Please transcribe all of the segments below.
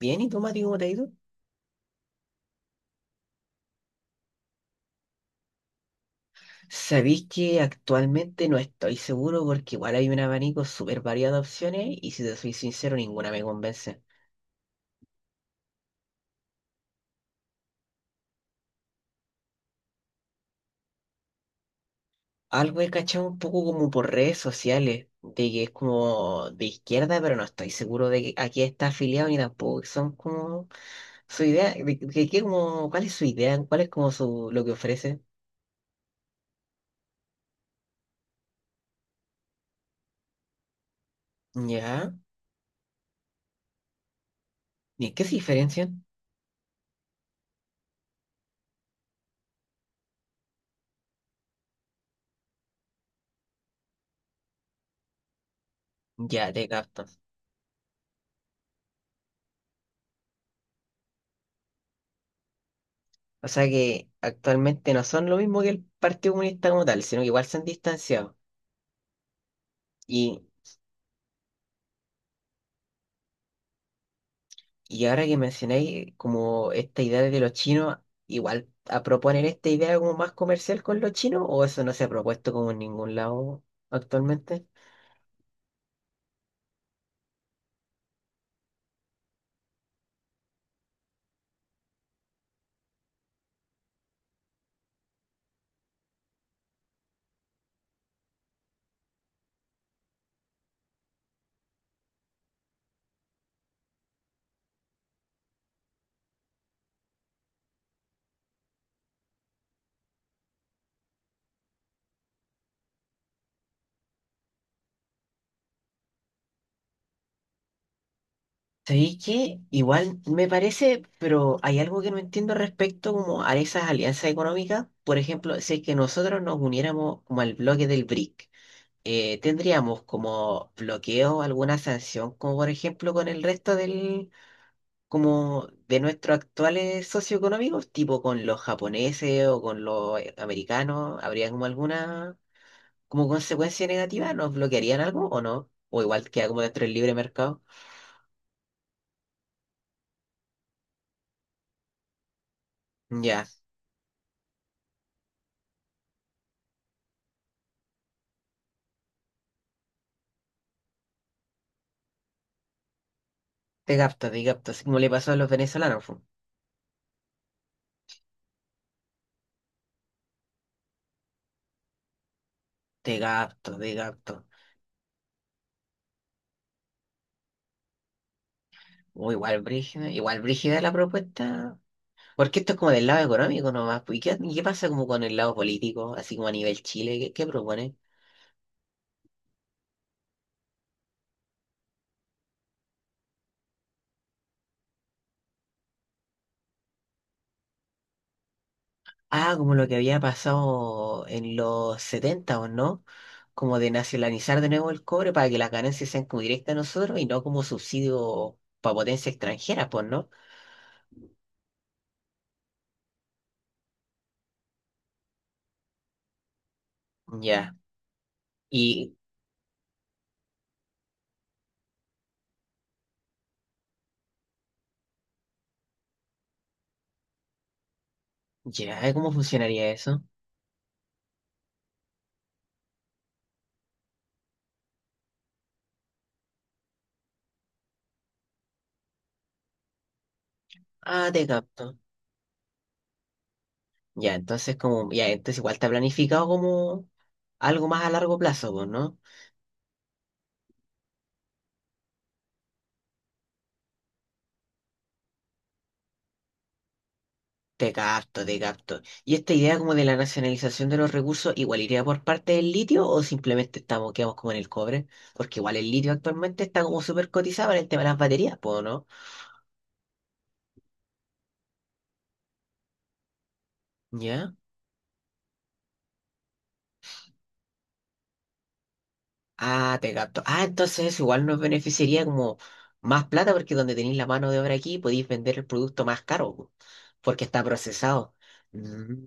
Bien, ¿y tú, Mati, cómo te ha ido? Sabéis que actualmente no estoy seguro porque igual hay un abanico súper variado de opciones y si te soy sincero, ninguna me convence. Algo he cachado un poco como por redes sociales, de que es como de izquierda, pero no estoy seguro de que a qué está afiliado ni tampoco que son como su idea, de qué como, cuál es su idea, cuál es como su, lo que ofrece. Ya, ¿y en qué se diferencian? Ya, te capto. O sea que actualmente no son lo mismo que el Partido Comunista como tal, sino que igual se han distanciado. Y, y ahora que mencionáis como esta idea de los chinos, igual a proponer esta idea como más comercial con los chinos, o eso no se ha propuesto como en ningún lado actualmente. ¿Sabéis qué? Igual me parece, pero hay algo que no entiendo respecto como a esas alianzas económicas. Por ejemplo, si es que nosotros nos uniéramos como al bloque del BRIC. Tendríamos como bloqueo alguna sanción, como por ejemplo con el resto del, como de nuestros actuales socioeconómicos, tipo con los japoneses o con los americanos, ¿habría como alguna como consecuencia negativa? ¿Nos bloquearían algo o no? O igual queda como dentro del libre mercado. Ya, te capto, así como le pasó a los venezolanos. Fu. Te capto, te capto. O igual brígida la propuesta. Porque esto es como del lado económico nomás. Pues, ¿Y qué pasa como con el lado político, así como a nivel Chile? ¿Qué propone? Ah, como lo que había pasado en los 70 o no, como de nacionalizar de nuevo el cobre para que las ganancias sean como directas a nosotros y no como subsidio para potencias extranjeras, pues, ¿no? Ya. Y ya, ¿cómo funcionaría eso? Ah, te capto. Ya, entonces como, ya, entonces igual está planificado como algo más a largo plazo, pues, ¿no? Te capto, te capto. ¿Y esta idea como de la nacionalización de los recursos igual iría por parte del litio o simplemente estamos, quedamos como en el cobre? Porque igual el litio actualmente está como súper cotizado en el tema de las baterías, ¿puedo no? ¿Ya? Ah, te capto. Ah, entonces eso igual nos beneficiaría como más plata porque donde tenéis la mano de obra aquí podéis vender el producto más caro, po, porque está procesado. Mm,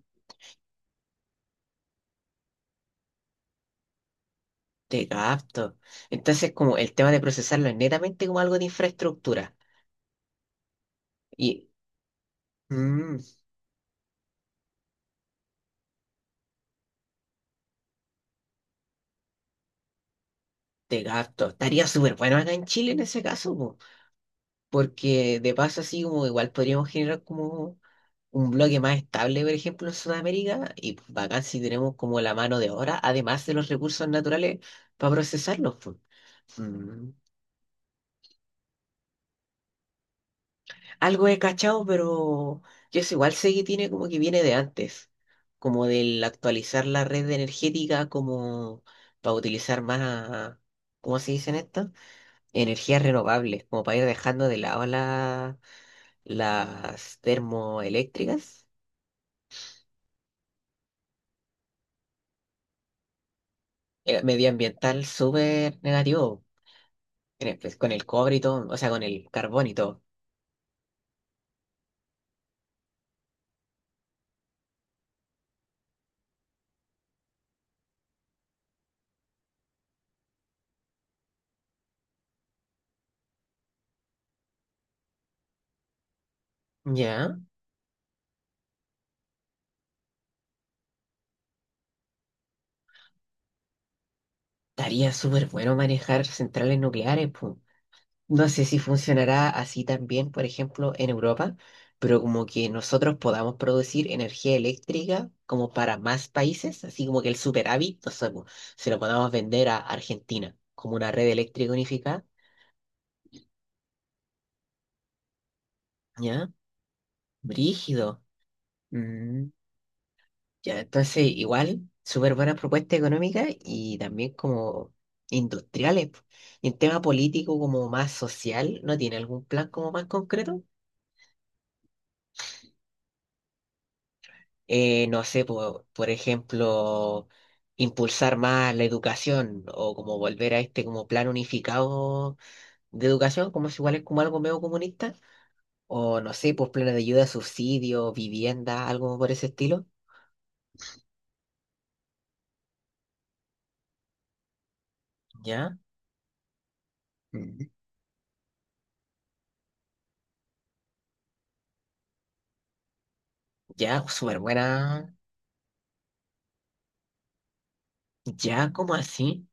Te capto. Entonces como el tema de procesarlo es netamente como algo de infraestructura. Y... Mm, Te gasto. Estaría súper bueno acá en Chile en ese caso, po, porque de paso así como igual podríamos generar como un bloque más estable, por ejemplo, en Sudamérica, y pues, bacán si tenemos como la mano de obra, además de los recursos naturales para procesarlos. Pues. Mm. Algo he cachado, pero yo sé, igual sé que tiene como que viene de antes, como del actualizar la red energética como para utilizar más, ¿cómo se dicen estas? Energías renovables, como para ir dejando de lado la las termoeléctricas, medioambiental súper negativo, pues, con el cobre y todo, o sea, con el carbón y todo. Ya, estaría súper bueno manejar centrales nucleares, pu. No sé si funcionará así también, por ejemplo, en Europa, pero como que nosotros podamos producir energía eléctrica como para más países, así como que el superávit, no sé, pu, se lo podamos vender a Argentina como una red eléctrica unificada, ¿ya? Brígido. Ya, entonces igual, súper buenas propuestas económicas y también como industriales. Po. Y en tema político, como más social, ¿no tiene algún plan como más concreto? No sé, po, por ejemplo, impulsar más la educación o como volver a este como plan unificado de educación, como si igual es como algo medio comunista. O no sé, pues planes de ayuda, subsidio, vivienda, algo por ese estilo. ¿Ya? Mm. Ya, súper buena. ¿Ya? ¿Como así?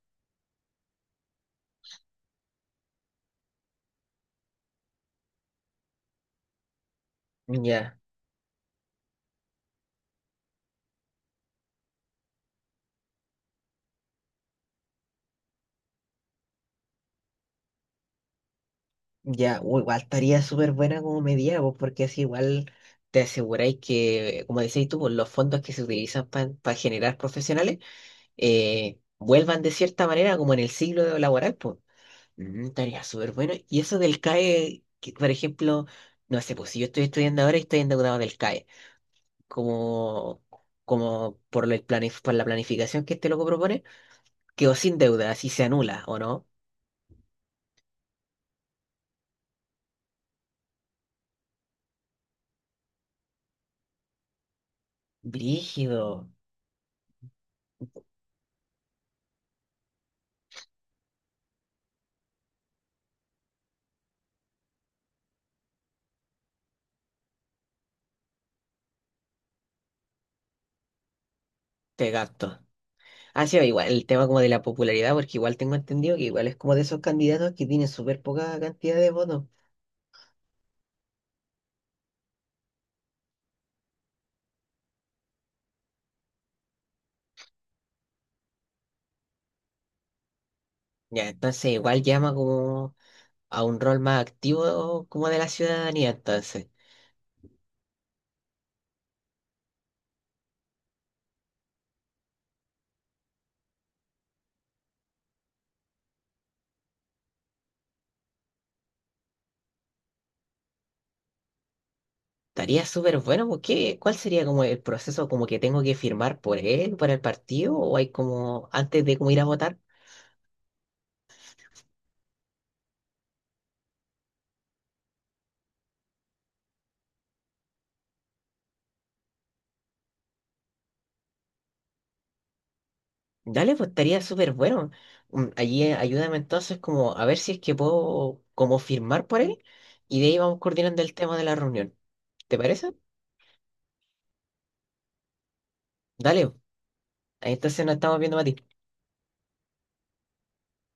Ya. Ya, igual estaría súper buena como medida, pues, porque así igual te aseguráis que, como decís tú, pues, los fondos que se utilizan para generar profesionales vuelvan de cierta manera como en el siglo laboral, pues. Estaría súper bueno. Y eso del CAE, que, por ejemplo, no sé, pues si yo estoy estudiando ahora y estoy endeudado del CAE, como, como por, por la planificación que este loco propone, quedo sin deuda, así se anula, ¿o no? Brígido, te gasto. Ha sido igual el tema como de la popularidad, porque igual tengo entendido que igual es como de esos candidatos que tienen súper poca cantidad de votos. Ya, entonces igual llama como a un rol más activo como de la ciudadanía, entonces. Estaría súper bueno, porque ¿cuál sería como el proceso como que tengo que firmar por él, por el partido, o hay como antes de como ir a votar? Dale, pues estaría súper bueno. Allí ayúdame entonces como a ver si es que puedo como firmar por él y de ahí vamos coordinando el tema de la reunión. ¿Te parece? Dale, en esta escena estamos viendo a Mati.